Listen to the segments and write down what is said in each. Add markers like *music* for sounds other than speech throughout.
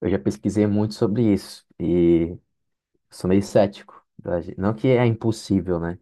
Eu já pesquisei muito sobre isso e sou meio cético. Não que é impossível, né?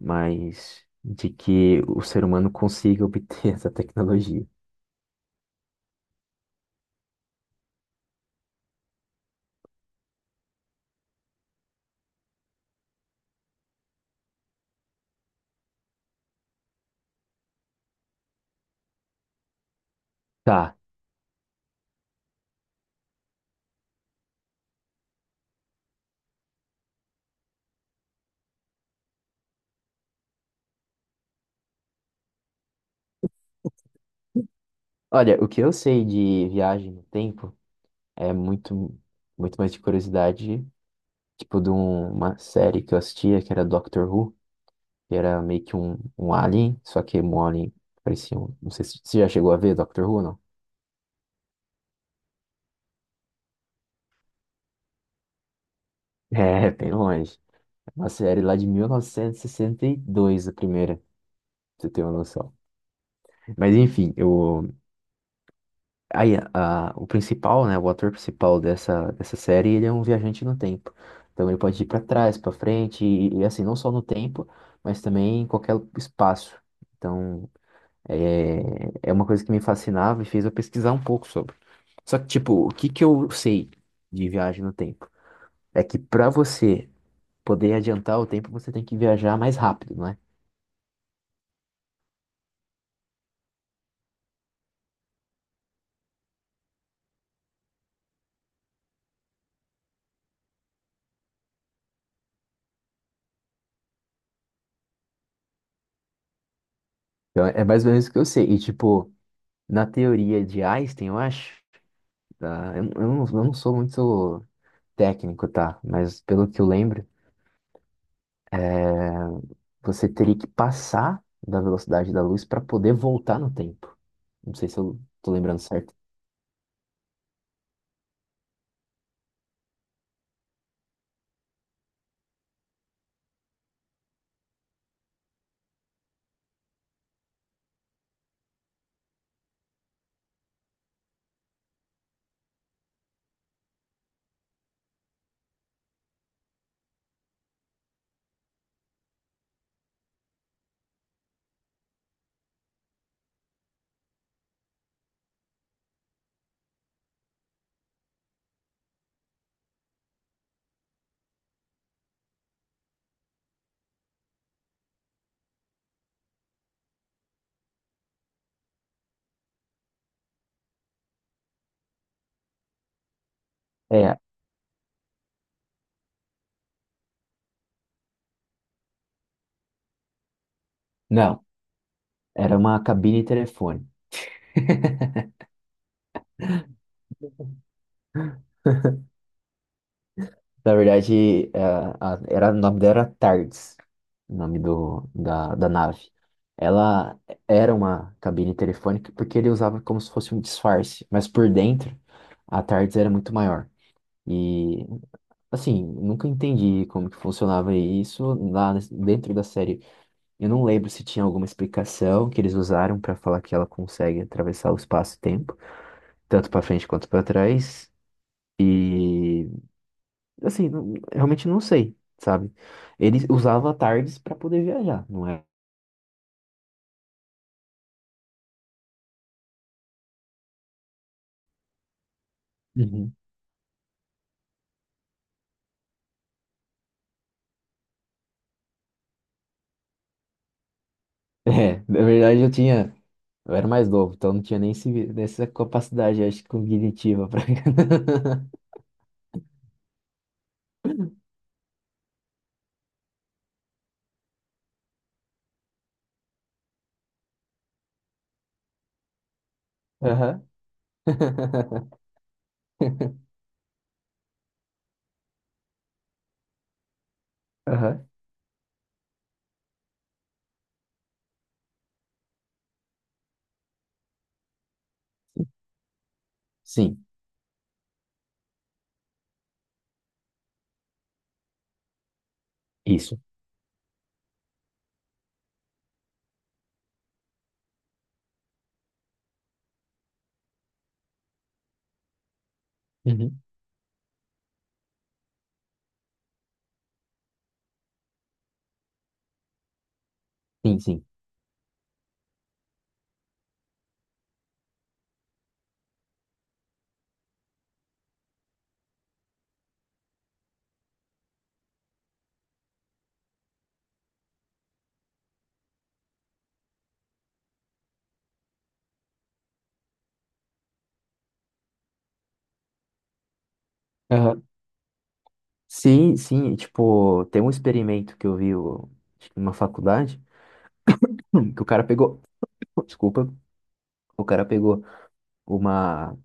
Mas de que o ser humano consiga obter *laughs* essa tecnologia. Tá. Olha, o que eu sei de viagem no tempo é muito mais de curiosidade, tipo de uma série que eu assistia que era Doctor Who, que era meio que um alien, só que um alien parecia um. Não sei se você já chegou a ver Doctor Who, não? *laughs* É, bem longe. É uma série lá de mil novecentos e sessenta e dois, a primeira. Você tem uma noção. Mas enfim, o principal, né, o ator principal dessa série, ele é um viajante no tempo. Então ele pode ir para trás, para frente, assim, não só no tempo, mas também em qualquer espaço. Então é uma coisa que me fascinava e fez eu pesquisar um pouco sobre. Só que, tipo, o que que eu sei de viagem no tempo? É que para você poder adiantar o tempo, você tem que viajar mais rápido, não é? Então é mais ou menos o que eu sei. E, tipo, na teoria de Einstein, eu acho. Tá, eu não sou muito técnico, tá? Mas pelo que eu lembro, é, você teria que passar da velocidade da luz para poder voltar no tempo. Não sei se eu tô lembrando certo. É, não, era uma cabine telefone. Na verdade, o nome dela era TARDIS, o nome da nave. Ela era uma cabine telefônica porque ele usava como se fosse um disfarce, mas por dentro a TARDIS era muito maior. E assim, nunca entendi como que funcionava isso dentro da série. Eu não lembro se tinha alguma explicação que eles usaram para falar que ela consegue atravessar o espaço e tempo, tanto para frente quanto para trás. E assim, realmente não sei, sabe? Ele usava tardes para poder viajar, não é? Uhum. *laughs* É, na verdade eu tinha, eu era mais novo, então não tinha nem essa capacidade, acho, que cognitiva para. *laughs* Aham. *laughs* Aham. Sim, isso. Uhum. Sim, sim. Aham. Sim, sim. Tipo, tem um experimento que eu vi acho que numa faculdade que o cara pegou. *coughs* Desculpa. O cara pegou uma,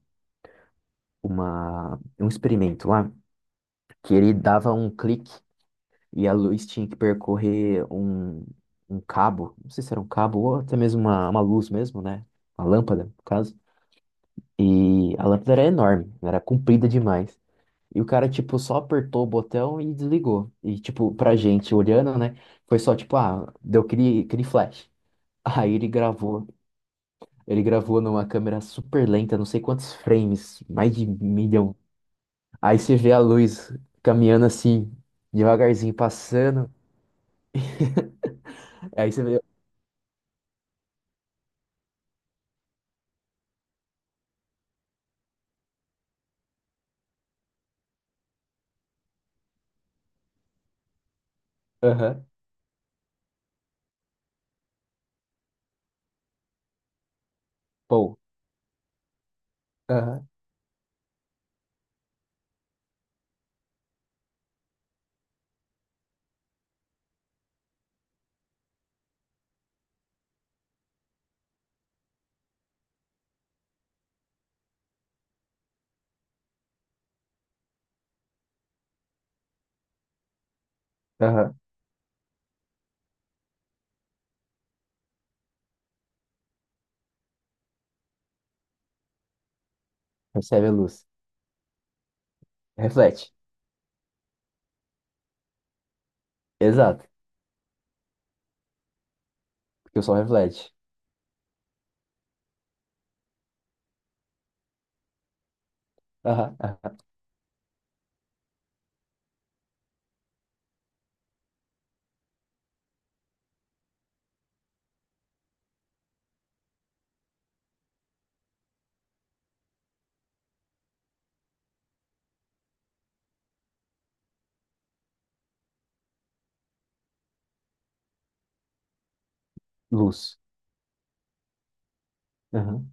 um experimento lá que ele dava um clique e a luz tinha que percorrer um cabo. Não sei se era um cabo ou até mesmo uma luz mesmo, né? Uma lâmpada, no caso. E a lâmpada era enorme, era comprida demais. E o cara, tipo, só apertou o botão e desligou. E, tipo, pra gente olhando, né? Foi só, tipo, ah, deu aquele flash. *laughs* Aí ele gravou. Ele gravou numa câmera super lenta, não sei quantos frames, mais de milhão. Aí você vê a luz caminhando assim, devagarzinho passando. *laughs* Aí você vê, aham, pô, aham, aham. Recebe a luz. Reflete. Exato. Porque o sol reflete. Aham, aham. Luz. Aham.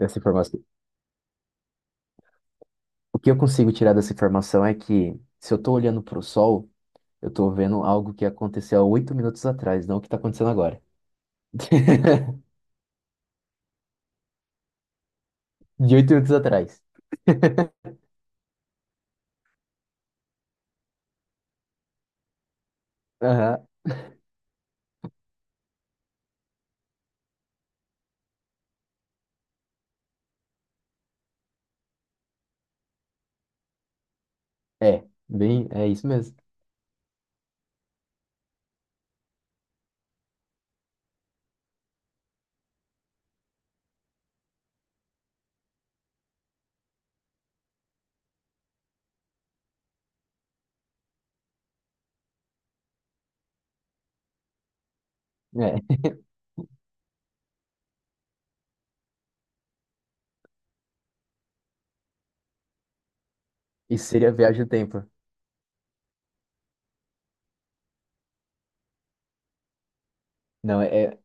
Essa informação. O que eu consigo tirar dessa informação é que, se eu estou olhando para o sol, eu estou vendo algo que aconteceu há 8 minutos atrás, não o que está acontecendo agora. *laughs* De 8 minutos atrás. *laughs* Aham, é, bem, é isso mesmo. É. *laughs* Isso seria viagem no tempo. Não,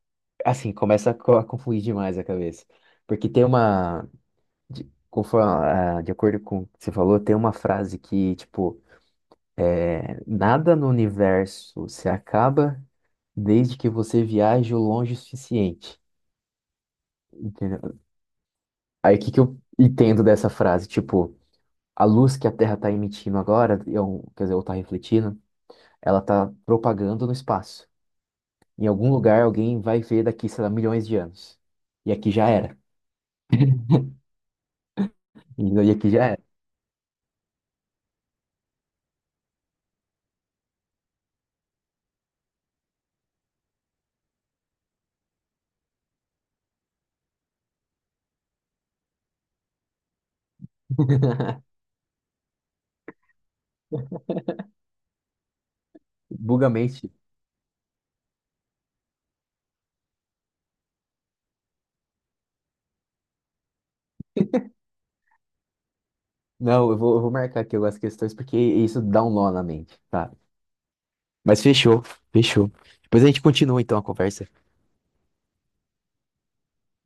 assim, começa a confundir demais a cabeça. Porque tem uma, de, conforme, ah, de acordo com o que você falou, tem uma frase que, tipo, é, nada no universo se acaba desde que você viaje o longe o suficiente. Entendeu? Aí o que que eu entendo dessa frase? Tipo, a luz que a Terra está emitindo agora, quer dizer, ou está refletindo, ela está propagando no espaço. Em algum lugar alguém vai ver daqui, sei lá, milhões de anos. E aqui já era. Entendeu? E aqui já era. Buga a mente. Não, eu vou marcar aqui algumas questões porque isso dá um nó na mente, tá? Mas fechou, fechou. Depois a gente continua então a conversa.